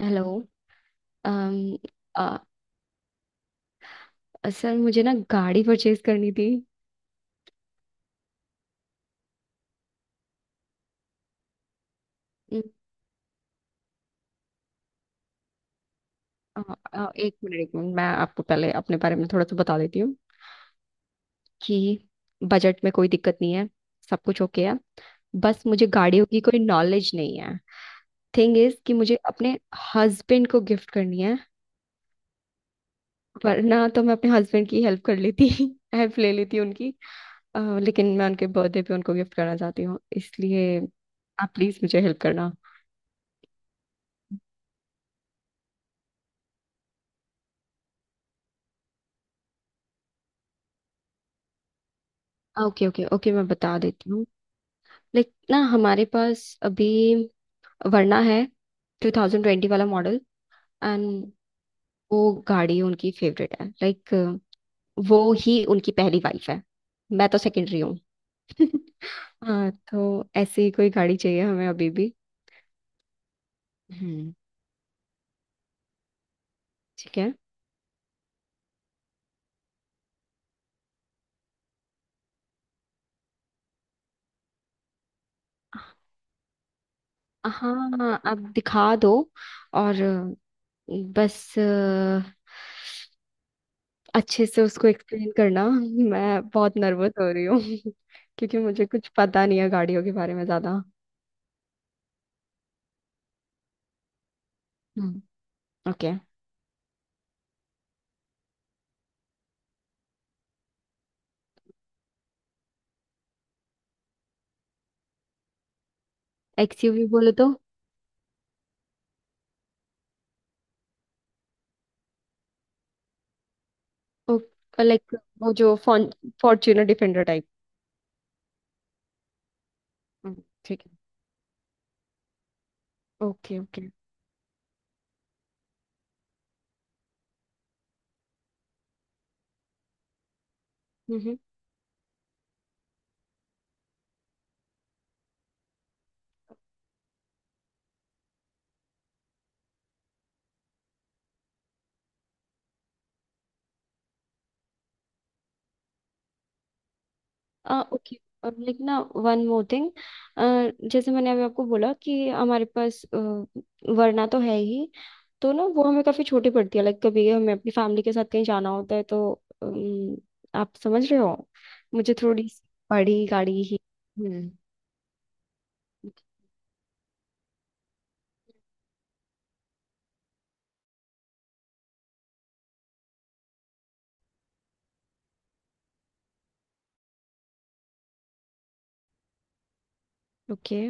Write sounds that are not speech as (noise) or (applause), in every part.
Hello अम अ, sir मुझे ना गाड़ी परचेज करनी थी। अम, अ, एक मिनट मैं आपको पहले अपने बारे में थोड़ा सा बता देती हूँ कि बजट में कोई दिक्कत नहीं है। सब कुछ ओके है। बस मुझे गाड़ियों की कोई नॉलेज नहीं है। थिंग इज कि मुझे अपने हस्बैंड को गिफ्ट करनी है। वरना तो मैं अपने हस्बैंड की हेल्प कर लेती (laughs) हेल्प ले लेती उनकी। लेकिन मैं उनके बर्थडे पे उनको गिफ्ट करना चाहती हूँ इसलिए आप प्लीज मुझे हेल्प करना। ओके ओके ओके मैं बता देती हूँ। लाइक ना हमारे पास अभी वरना है 2020 वाला मॉडल एंड वो गाड़ी उनकी फेवरेट है लाइक वो ही उनकी पहली वाइफ है। मैं तो सेकेंडरी हूँ (laughs) हाँ तो ऐसी ही कोई गाड़ी चाहिए हमें अभी भी। हम्म ठीक है। हाँ आप दिखा दो और बस अच्छे से उसको एक्सप्लेन करना। मैं बहुत नर्वस हो रही हूँ (laughs) क्योंकि मुझे कुछ पता नहीं है गाड़ियों के बारे में ज़्यादा। हम्म ओके। एक्सयूवी बोले तो लाइक वो जो फॉर्च्यूनर डिफेंडर टाइप। ठीक है। ओके ओके हम्म। ओके। और लाइक ना वन मोर थिंग जैसे मैंने अभी आपको बोला कि हमारे पास वरना तो है ही। तो ना वो हमें काफी छोटी पड़ती है लाइक कभी हमें अपनी फैमिली के साथ कहीं जाना होता है तो अम, आप समझ रहे हो। मुझे थोड़ी सी बड़ी गाड़ी ही। हम्म, ओके।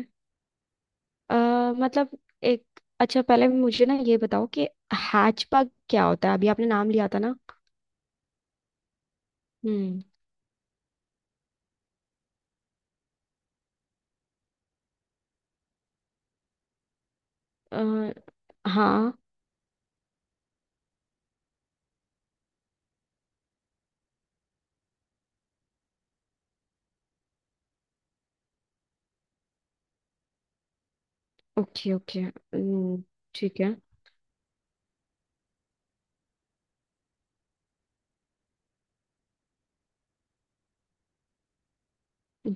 अ, मतलब एक अच्छा पहले मुझे ना ये बताओ कि हैचबैक क्या होता है अभी आपने नाम लिया था ना। हम्म अ, हाँ। ओके ओके ठीक है।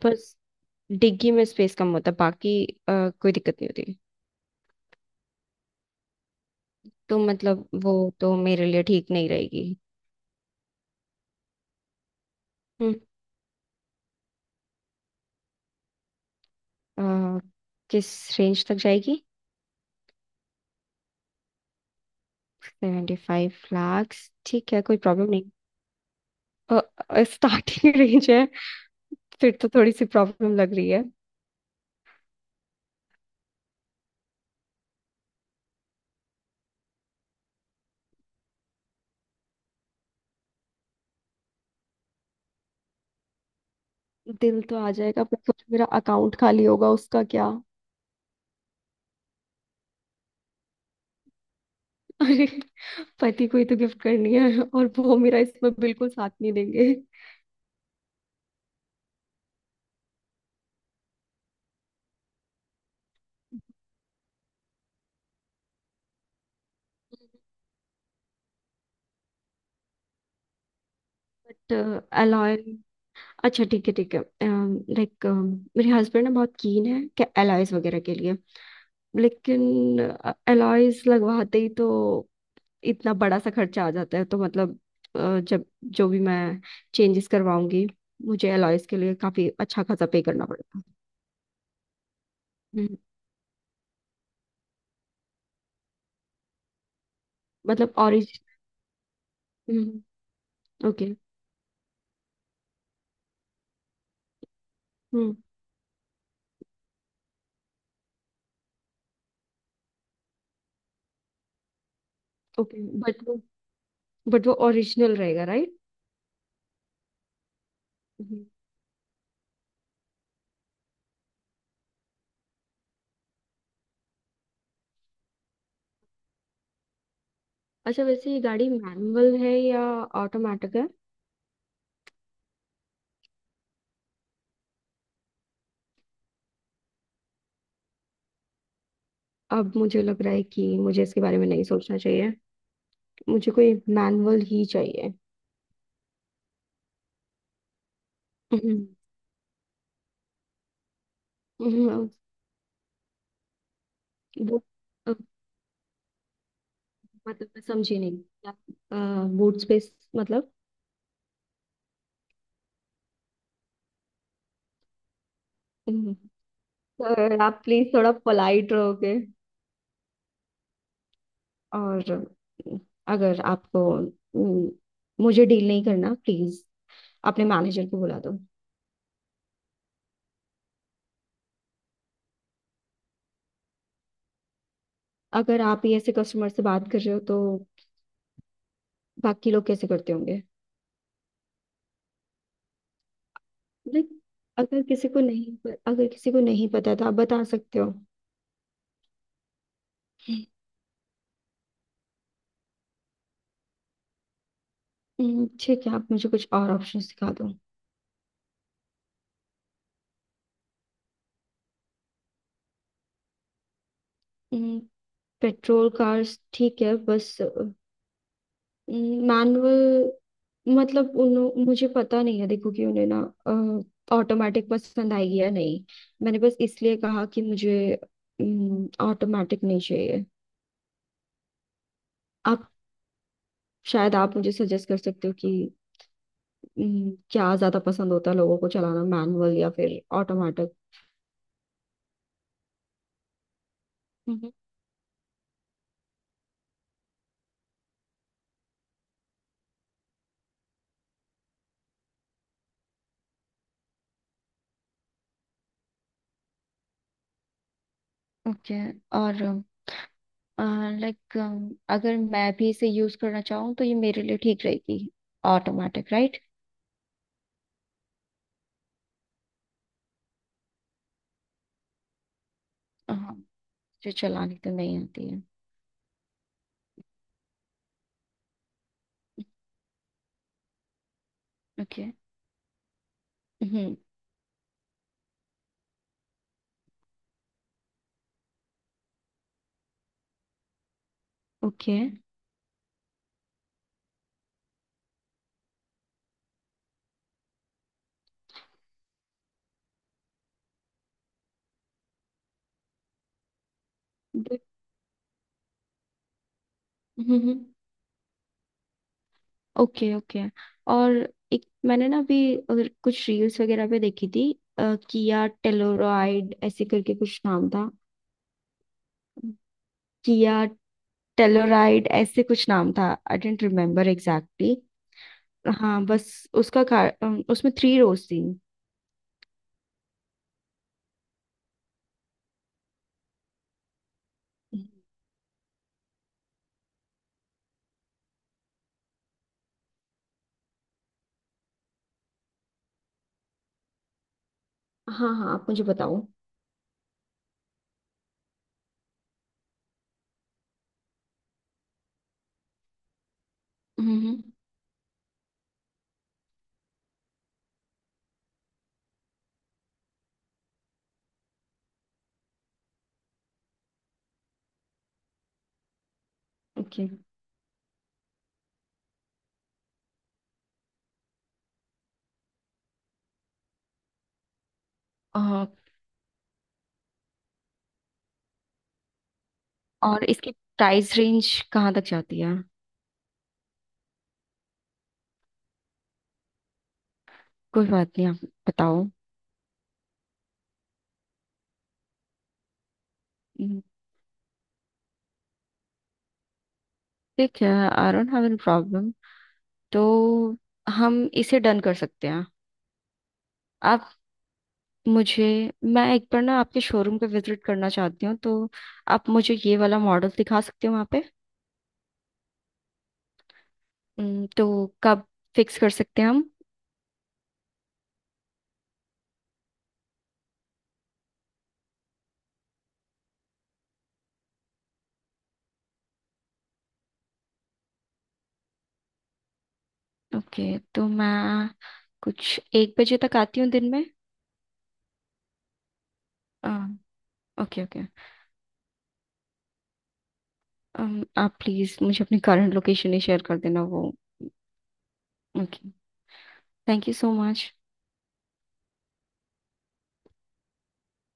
बस डिग्गी में स्पेस कम होता है बाकी अ, कोई दिक्कत नहीं होती। तो मतलब वो तो मेरे लिए ठीक नहीं रहेगी। हम्म अ, किस रेंज तक जाएगी। 75 लाख्स ठीक है कोई प्रॉब्लम नहीं। स्टार्टिंग रेंज (laughs) है। फिर तो थोड़ी सी प्रॉब्लम लग रही है। दिल तो आ जाएगा पर सोचो मेरा अकाउंट खाली होगा उसका क्या। (laughs) अरे पति को ही तो गिफ्ट करनी है और वो मेरा इसमें बिल्कुल साथ नहीं देंगे। बट अलॉय अच्छा ठीक है ठीक है। लाइक मेरे हस्बैंड ना बहुत कीन है क्या अलॉयज वगैरह के लिए। लेकिन अलॉयज लगवाते ही तो इतना बड़ा सा खर्चा आ जाता है तो मतलब जब जो भी मैं चेंजेस करवाऊंगी मुझे अलॉयज के लिए काफी अच्छा खासा पे करना पड़ेगा। हम्म, मतलब ओरिजिन ओके हम्म ओके। बट वो ओरिजिनल रहेगा राइट। हम्म। अच्छा वैसे ये गाड़ी मैनुअल है या ऑटोमेटिक है। अब मुझे लग रहा है कि मुझे इसके बारे में नहीं सोचना चाहिए। मुझे कोई मैनुअल ही चाहिए। हम्म, हम्म, अ, वो अ, मतलब मैं समझी नहीं क्या। बूट स्पेस मतलब। हम्म, तो आप प्लीज थोड़ा पोलाइट रहोगे। और अगर आपको मुझे डील नहीं करना प्लीज। अपने मैनेजर को बुला दो। अगर आप ही ऐसे कस्टमर से बात कर रहे हो तो बाकी लोग कैसे करते होंगे। लाइक अगर किसी को नहीं अगर किसी को नहीं पता तो आप बता सकते हो। ठीक है आप मुझे कुछ और ऑप्शन दिखा दो। हम्म, पेट्रोल कार्स ठीक है बस मैनुअल। मतलब उन्हों मुझे पता नहीं है देखो कि उन्हें ना ऑटोमेटिक पसंद आएगी या नहीं। मैंने बस इसलिए कहा कि मुझे ऑटोमेटिक नहीं चाहिए। आप शायद आप मुझे सजेस्ट कर सकते हो कि क्या ज्यादा पसंद होता है लोगों को चलाना मैनुअल या फिर ऑटोमेटिक। हम्म ओके। और लाइक अगर मैं भी इसे यूज करना चाहूँ तो ये मेरे लिए ठीक रहेगी। Automatic right. हाँ जो चलानी तो नहीं आती है। ओके हम्म ओके हम्म ओके ओके। और एक मैंने ना अभी अगर कुछ रील्स वगैरह पे देखी थी किया टेलोरॉयड ऐसे करके कुछ नाम था। किया टेलोराइड ऐसे कुछ नाम था। I don't remember exactly. हाँ बस उसमें थ्री रोज थी। हाँ हाँ आप मुझे बताओ। हम्म ओके और इसकी प्राइस रेंज कहाँ तक जाती है। कोई बात नहीं आप बताओ। हम्म, ठीक है I don't have any problem. तो हम इसे डन कर सकते हैं। आप मुझे मैं एक बार ना आपके शोरूम पे विजिट करना चाहती हूँ तो आप मुझे ये वाला मॉडल दिखा सकते हो वहाँ पे। तो कब फिक्स कर सकते हैं हम। ओके तो मैं कुछ एक बजे तक आती हूँ दिन में। अ, ओके ओके। आप प्लीज़ मुझे अपनी करंट लोकेशन ही शेयर कर देना वो। Okay thank you so much.